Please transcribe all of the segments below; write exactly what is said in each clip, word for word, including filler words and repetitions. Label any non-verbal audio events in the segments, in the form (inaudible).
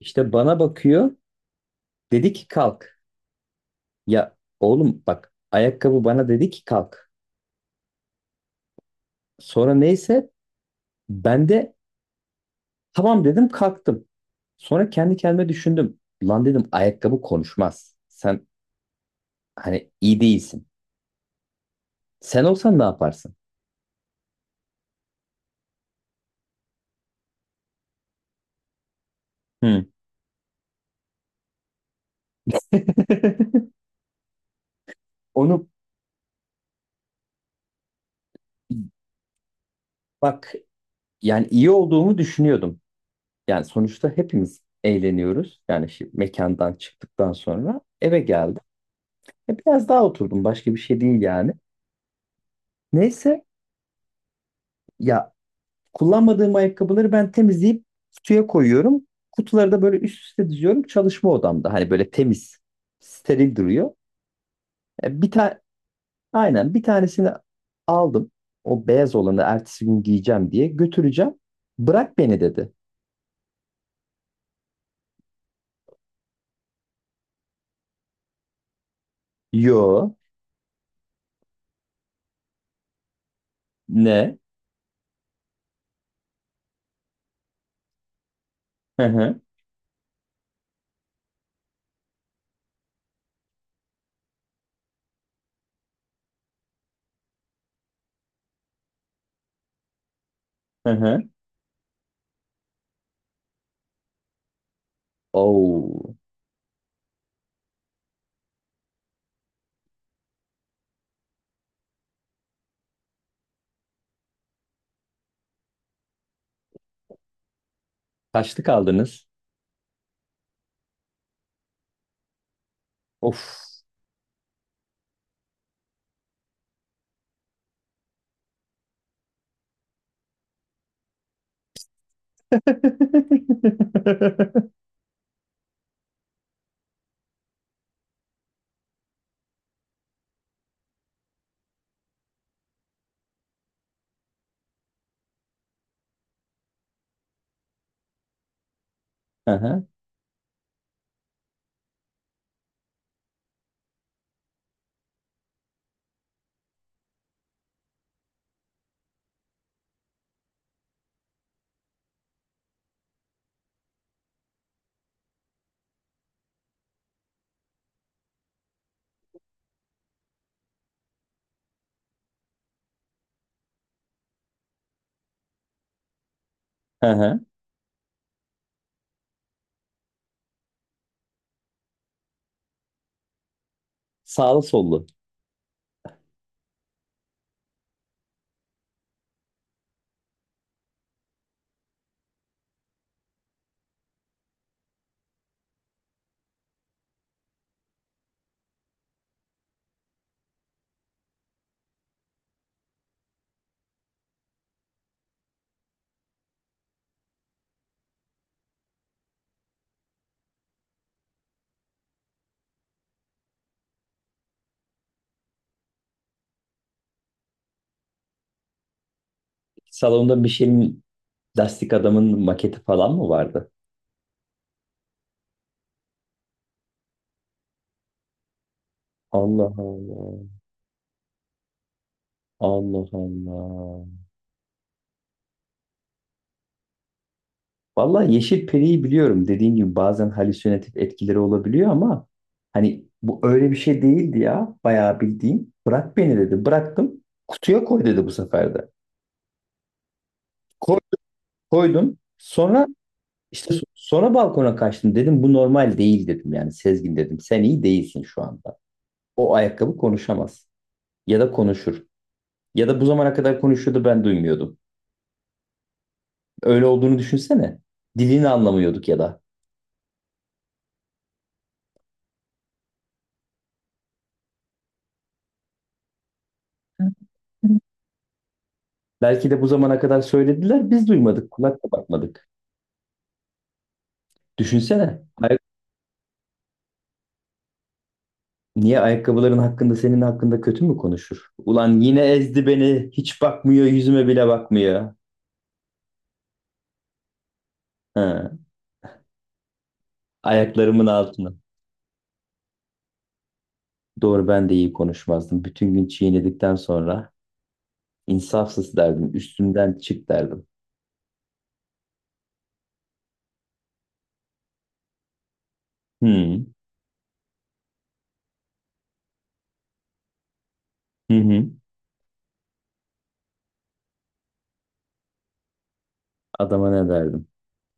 İşte bana bakıyor. Dedi ki kalk. Ya oğlum bak ayakkabı bana dedi ki kalk. Sonra neyse ben de tamam dedim kalktım. Sonra kendi kendime düşündüm. Lan dedim ayakkabı konuşmaz. Sen hani iyi değilsin. Sen olsan ne yaparsın? Hı. (laughs) Onu bak yani iyi olduğumu düşünüyordum. Yani sonuçta hepimiz eğleniyoruz. Yani şimdi mekandan çıktıktan sonra eve geldim. E, biraz daha oturdum. Başka bir şey değil yani. Neyse ya, kullanmadığım ayakkabıları ben temizleyip kutuya koyuyorum. Kutuları da böyle üst üste diziyorum çalışma odamda. Hani böyle temiz, steril duruyor. E, bir tane, aynen, bir tanesini aldım. O beyaz olanı ertesi gün giyeceğim diye götüreceğim. Bırak beni dedi. Yo, ne? Hı hı, hı hı. Oo, kaçlı kaldınız? Of. (laughs) Hı hı, hı hı. Sağlı sollu. Salonda bir şeyin, Lastik Adam'ın maketi falan mı vardı? Allah Allah. Allah Allah. Vallahi Yeşil Peri'yi biliyorum. Dediğin gibi bazen halüsinatif etkileri olabiliyor ama hani bu öyle bir şey değildi ya. Bayağı bildiğin. Bırak beni dedi. Bıraktım. Kutuya koy dedi bu sefer de. Koy- Koydum. Sonra işte so- sonra balkona kaçtım. Dedim bu normal değil dedim. Yani Sezgin dedim. Sen iyi değilsin şu anda. O ayakkabı konuşamaz. Ya da konuşur. Ya da bu zamana kadar konuşuyordu ben duymuyordum. Öyle olduğunu düşünsene. Dilini anlamıyorduk ya da. Belki de bu zamana kadar söylediler, biz duymadık, kulakla bakmadık. Düşünsene. Ayak- niye ayakkabıların hakkında senin hakkında kötü mü konuşur? Ulan yine ezdi beni, hiç bakmıyor, yüzüme bile bakmıyor. Ha, ayaklarımın altına. Doğru ben de iyi konuşmazdım. Bütün gün çiğnedikten sonra insafsız derdim, üstümden çık derdim. Hı, hı, hı. Adama ne derdim?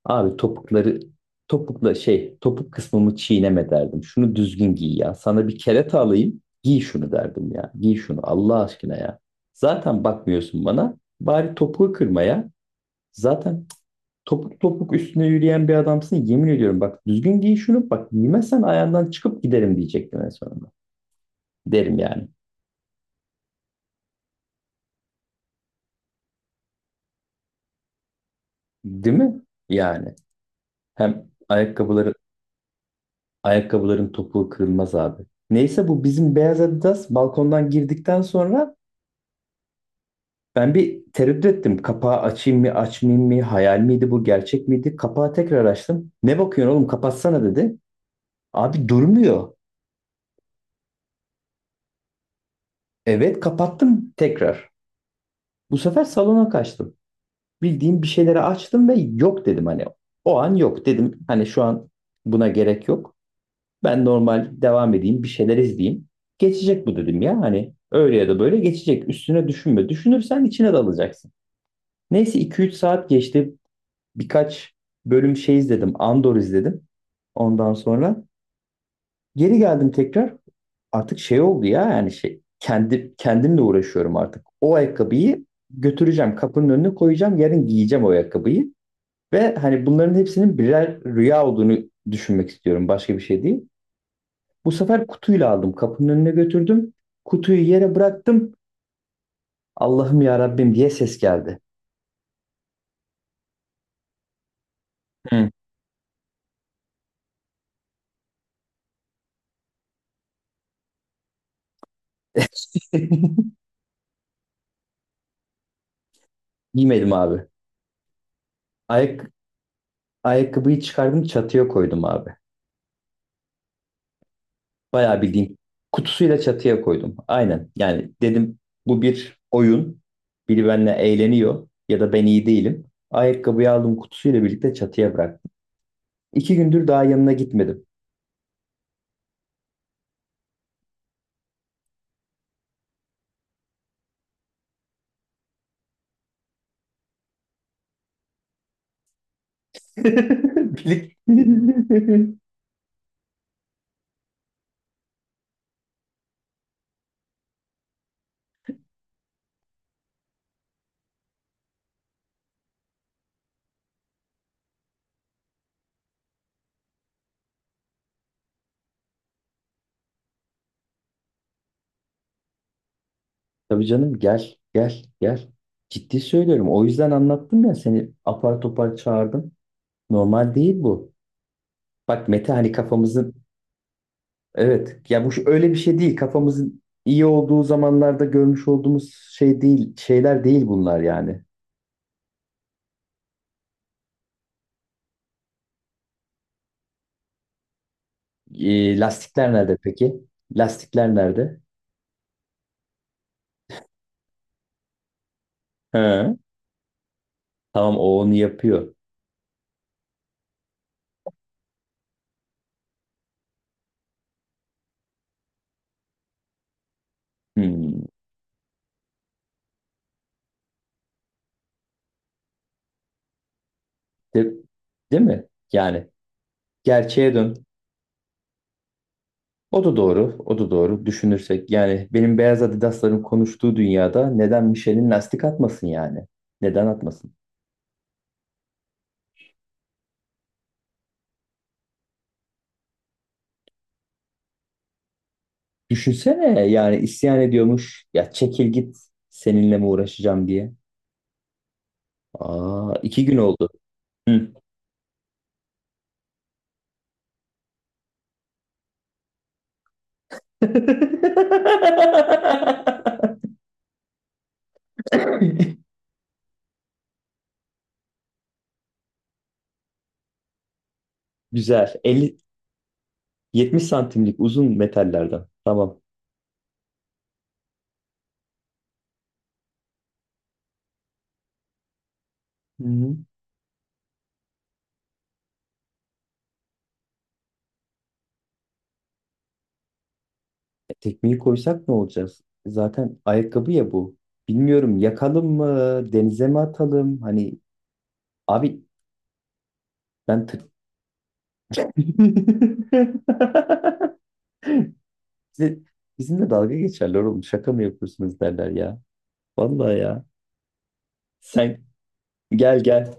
Abi topukları, topukla şey, topuk kısmımı çiğneme derdim. Şunu düzgün giy ya. Sana bir kereta alayım giy şunu derdim ya. Giy şunu Allah aşkına ya. Zaten bakmıyorsun bana. Bari topuğu kırma ya. Zaten topuk topuk üstüne yürüyen bir adamsın. Yemin ediyorum bak düzgün giy şunu. Bak giymezsen ayağından çıkıp giderim diyecektim en sonunda. Derim yani. Değil mi? Yani. Hem ayakkabıları, ayakkabıların topuğu kırılmaz abi. Neyse bu bizim beyaz Adidas balkondan girdikten sonra ben bir tereddüt ettim. Kapağı açayım mı, açmayayım mı? Hayal miydi bu, gerçek miydi? Kapağı tekrar açtım. Ne bakıyorsun oğlum, kapatsana dedi. Abi durmuyor. Evet, kapattım tekrar. Bu sefer salona kaçtım. Bildiğim bir şeyleri açtım ve yok dedim hani. O an yok dedim. Hani şu an buna gerek yok. Ben normal devam edeyim, bir şeyler izleyeyim. Geçecek bu dedim ya hani. Öyle ya da böyle geçecek. Üstüne düşünme. Düşünürsen içine dalacaksın. Neyse iki üç saat geçti. Birkaç bölüm şey izledim. Andor izledim. Ondan sonra geri geldim tekrar. Artık şey oldu ya, yani şey, kendi kendimle uğraşıyorum artık. O ayakkabıyı götüreceğim, kapının önüne koyacağım, yarın giyeceğim o ayakkabıyı ve hani bunların hepsinin birer rüya olduğunu düşünmek istiyorum. Başka bir şey değil. Bu sefer kutuyla aldım, kapının önüne götürdüm. Kutuyu yere bıraktım. Allah'ım ya Rabbim diye ses geldi. Hı. (laughs) Giymedim abi. Ayak Ayakkabıyı çıkardım, çatıya koydum abi. Bayağı bildiğin kutusuyla çatıya koydum. Aynen. Yani dedim bu bir oyun. Biri benimle eğleniyor ya da ben iyi değilim. Ayakkabıyı aldım kutusuyla birlikte çatıya bıraktım. İki gündür daha yanına gitmedim. (laughs) Bilik. Tabii canım, gel gel gel. Ciddi söylüyorum. O yüzden anlattım ya, seni apar topar çağırdım. Normal değil bu. Bak Mete hani kafamızın... Evet. Ya bu şu- öyle bir şey değil. Kafamızın iyi olduğu zamanlarda görmüş olduğumuz şey değil, şeyler değil bunlar yani. Ee, lastikler nerede peki? Lastikler nerede? He. Tamam o onu yapıyor. Hmm. De- değil mi? Yani gerçeğe dön. O da doğru. O da doğru. Düşünürsek yani benim beyaz Adidas'ların konuştuğu dünyada neden Michelin lastik atmasın yani? Neden atmasın? Düşünsene yani isyan ediyormuş. Ya çekil git, seninle mi uğraşacağım diye. Aa, iki gün oldu. Hı. (laughs) Güzel. elli, yetmiş santimlik uzun metallerden. Tamam. Hı hı. E, tekmeyi koysak ne olacağız? Zaten ayakkabı ya bu. Bilmiyorum yakalım mı, denize mi atalım? Hani abi ben tır... (laughs) Bize- bizimle dalga geçerler oğlum. Şaka mı yapıyorsunuz derler ya. Vallahi ya. Sen gel gel.